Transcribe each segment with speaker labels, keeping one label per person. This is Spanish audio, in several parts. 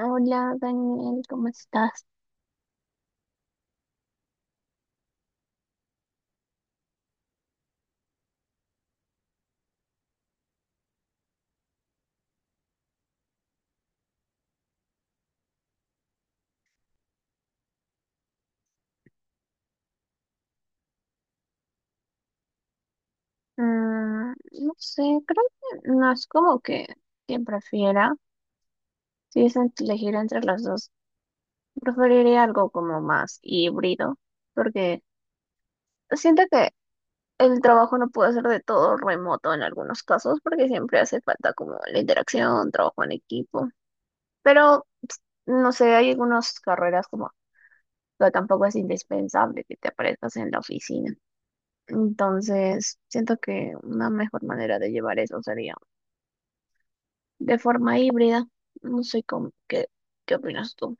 Speaker 1: Hola Daniel, ¿cómo estás? Mm, no sé, creo que no es como que prefiera. Si es elegir entre las dos, preferiría algo como más híbrido, porque siento que el trabajo no puede ser de todo remoto en algunos casos, porque siempre hace falta como la interacción, trabajo en equipo. Pero no sé, hay algunas carreras como que tampoco es indispensable que te aparezcas en la oficina. Entonces, siento que una mejor manera de llevar eso sería de forma híbrida. No sé qué opinas tú.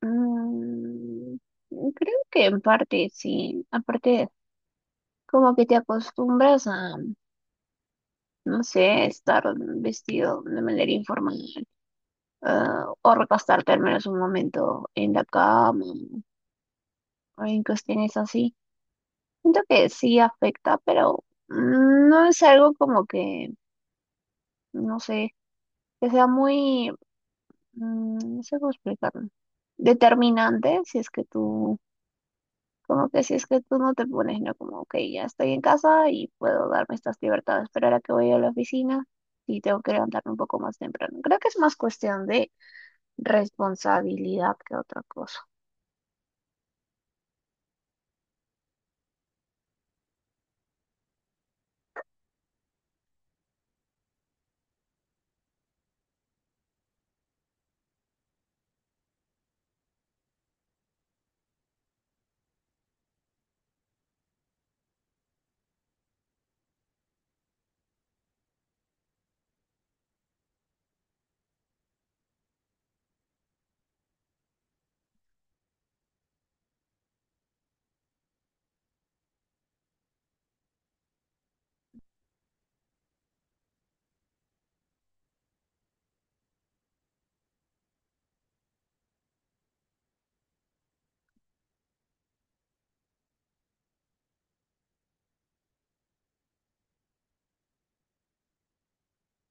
Speaker 1: Mm, Creo que en parte sí, aparte como que te acostumbras no sé, estar vestido de manera informal, o recostarte al menos un momento en la cama, o en cuestiones así. Siento que sí afecta, pero no es algo como no sé, que sea muy, no sé cómo explicarlo, determinante si es que tú. Como que si es que tú no te pones, ¿no? Como que ya estoy en casa y puedo darme estas libertades, pero ahora que voy a la oficina y tengo que levantarme un poco más temprano. Creo que es más cuestión de responsabilidad que otra cosa.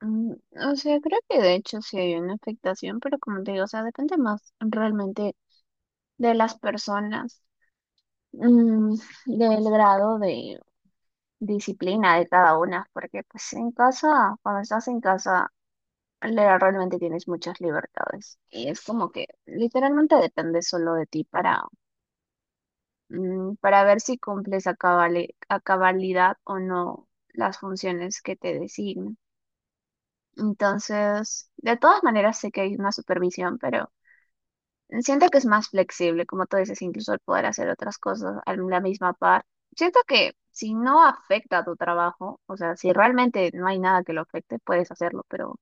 Speaker 1: Mm, o sea, creo que de hecho sí hay una afectación, pero como te digo, o sea, depende más realmente de las personas, mm, del grado de disciplina de cada una, porque pues en casa, cuando estás en casa, realmente tienes muchas libertades. Y es como que literalmente depende solo de ti para para ver si cumples a a cabalidad o no las funciones que te designan. Entonces, de todas maneras sé que hay una supervisión, pero siento que es más flexible, como tú dices, incluso el poder hacer otras cosas a la misma par. Siento que si no afecta a tu trabajo, o sea, si realmente no hay nada que lo afecte, puedes hacerlo, pero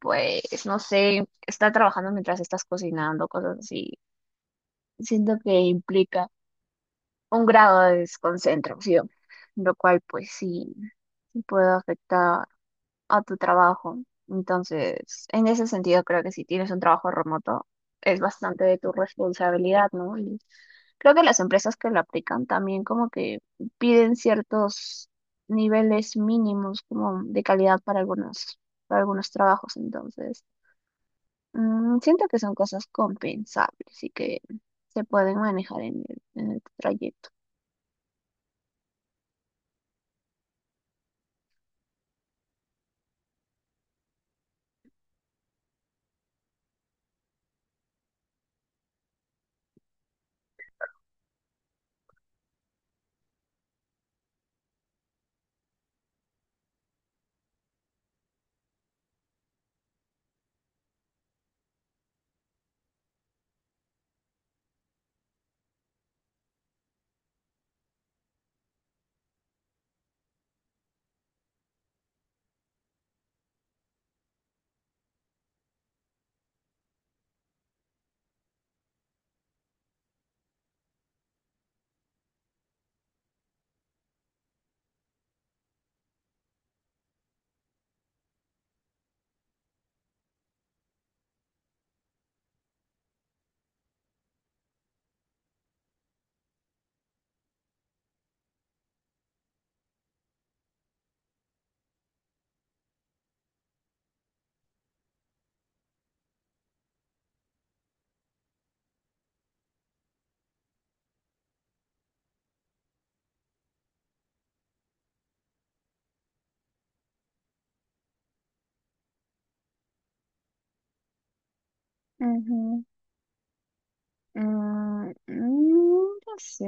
Speaker 1: pues, no sé, estar trabajando mientras estás cocinando, cosas así. Siento que implica un grado de desconcentración, lo cual, pues, sí puede afectar a tu trabajo. Entonces, en ese sentido, creo que si tienes un trabajo remoto, es bastante de tu responsabilidad, ¿no? Y creo que las empresas que lo aplican también como que piden ciertos niveles mínimos como de calidad para algunos trabajos. Entonces, siento que son cosas compensables y que se pueden manejar en el trayecto. Ujú. No sé.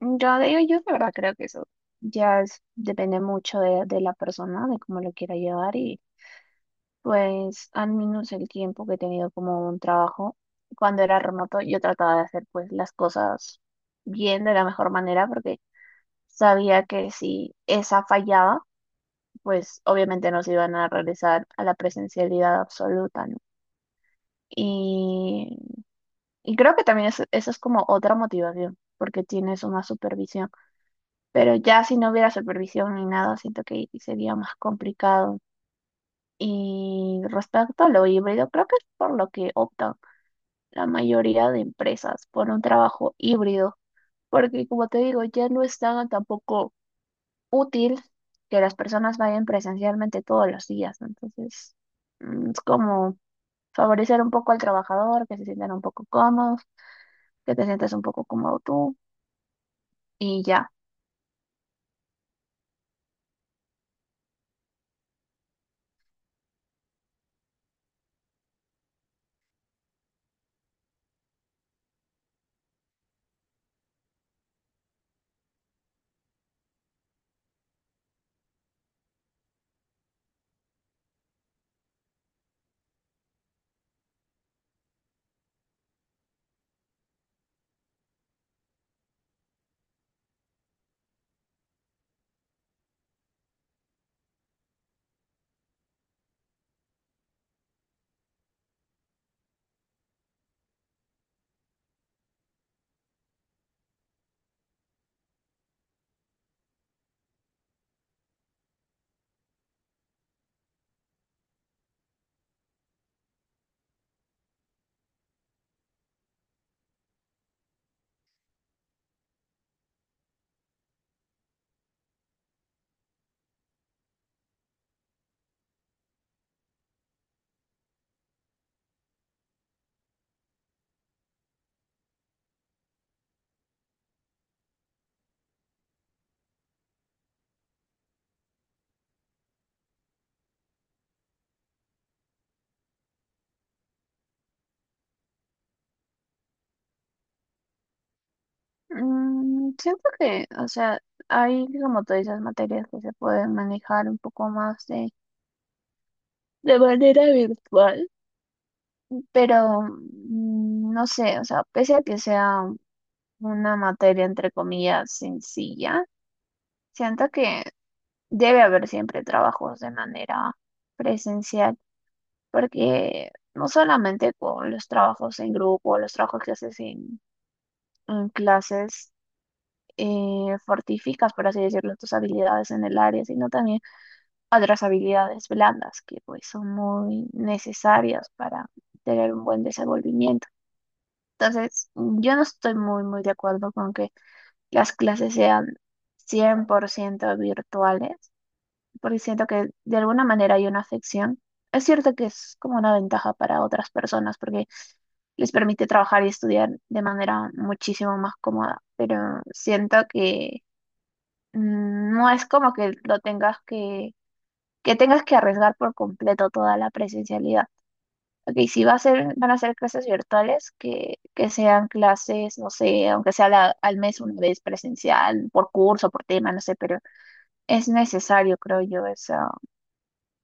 Speaker 1: Yo de verdad creo que eso ya depende mucho de la persona, de cómo lo quiera llevar y pues al menos el tiempo que he tenido como un trabajo, cuando era remoto yo trataba de hacer pues las cosas bien de la mejor manera porque sabía que si esa fallaba, pues obviamente nos iban a regresar a la presencialidad absoluta, ¿no? Y, y creo que también eso es como otra motivación, porque tienes una supervisión. Pero ya si no hubiera supervisión ni nada, siento que sería más complicado. Y respecto a lo híbrido, creo que es por lo que optan la mayoría de empresas por un trabajo híbrido, porque como te digo, ya no es tan tampoco útil que las personas vayan presencialmente todos los días, ¿no? Entonces, es como favorecer un poco al trabajador, que se sientan un poco cómodos, que te sientas un poco cómodo tú y ya. Siento que, o sea, hay, como tú dices, materias que se pueden manejar un poco más de manera virtual, pero no sé, o sea, pese a que sea una materia, entre comillas, sencilla, siento que debe haber siempre trabajos de manera presencial, porque no solamente con los trabajos en grupo, los trabajos que haces en clases fortificas, por así decirlo, tus habilidades en el área, sino también otras habilidades blandas que pues son muy necesarias para tener un buen desenvolvimiento. Entonces, yo no estoy muy de acuerdo con que las clases sean 100% virtuales porque siento que de alguna manera hay una afección. Es cierto que es como una ventaja para otras personas porque les permite trabajar y estudiar de manera muchísimo más cómoda, pero siento que no es como que lo tengas que tengas que arriesgar por completo toda la presencialidad. Ok, si va a van a ser clases virtuales, que sean clases, no sé, aunque sea al mes una vez presencial, por curso, por tema, no sé, pero es necesario, creo yo, eso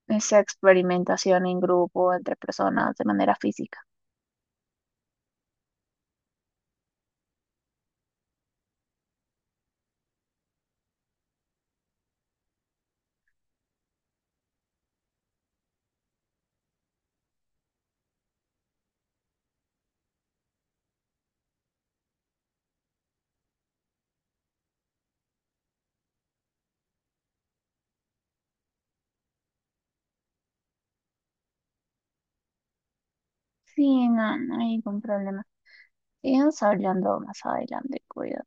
Speaker 1: esa experimentación en grupo, entre personas, de manera física. Sí, no, no hay ningún problema. Sigamos hablando más adelante, cuidado.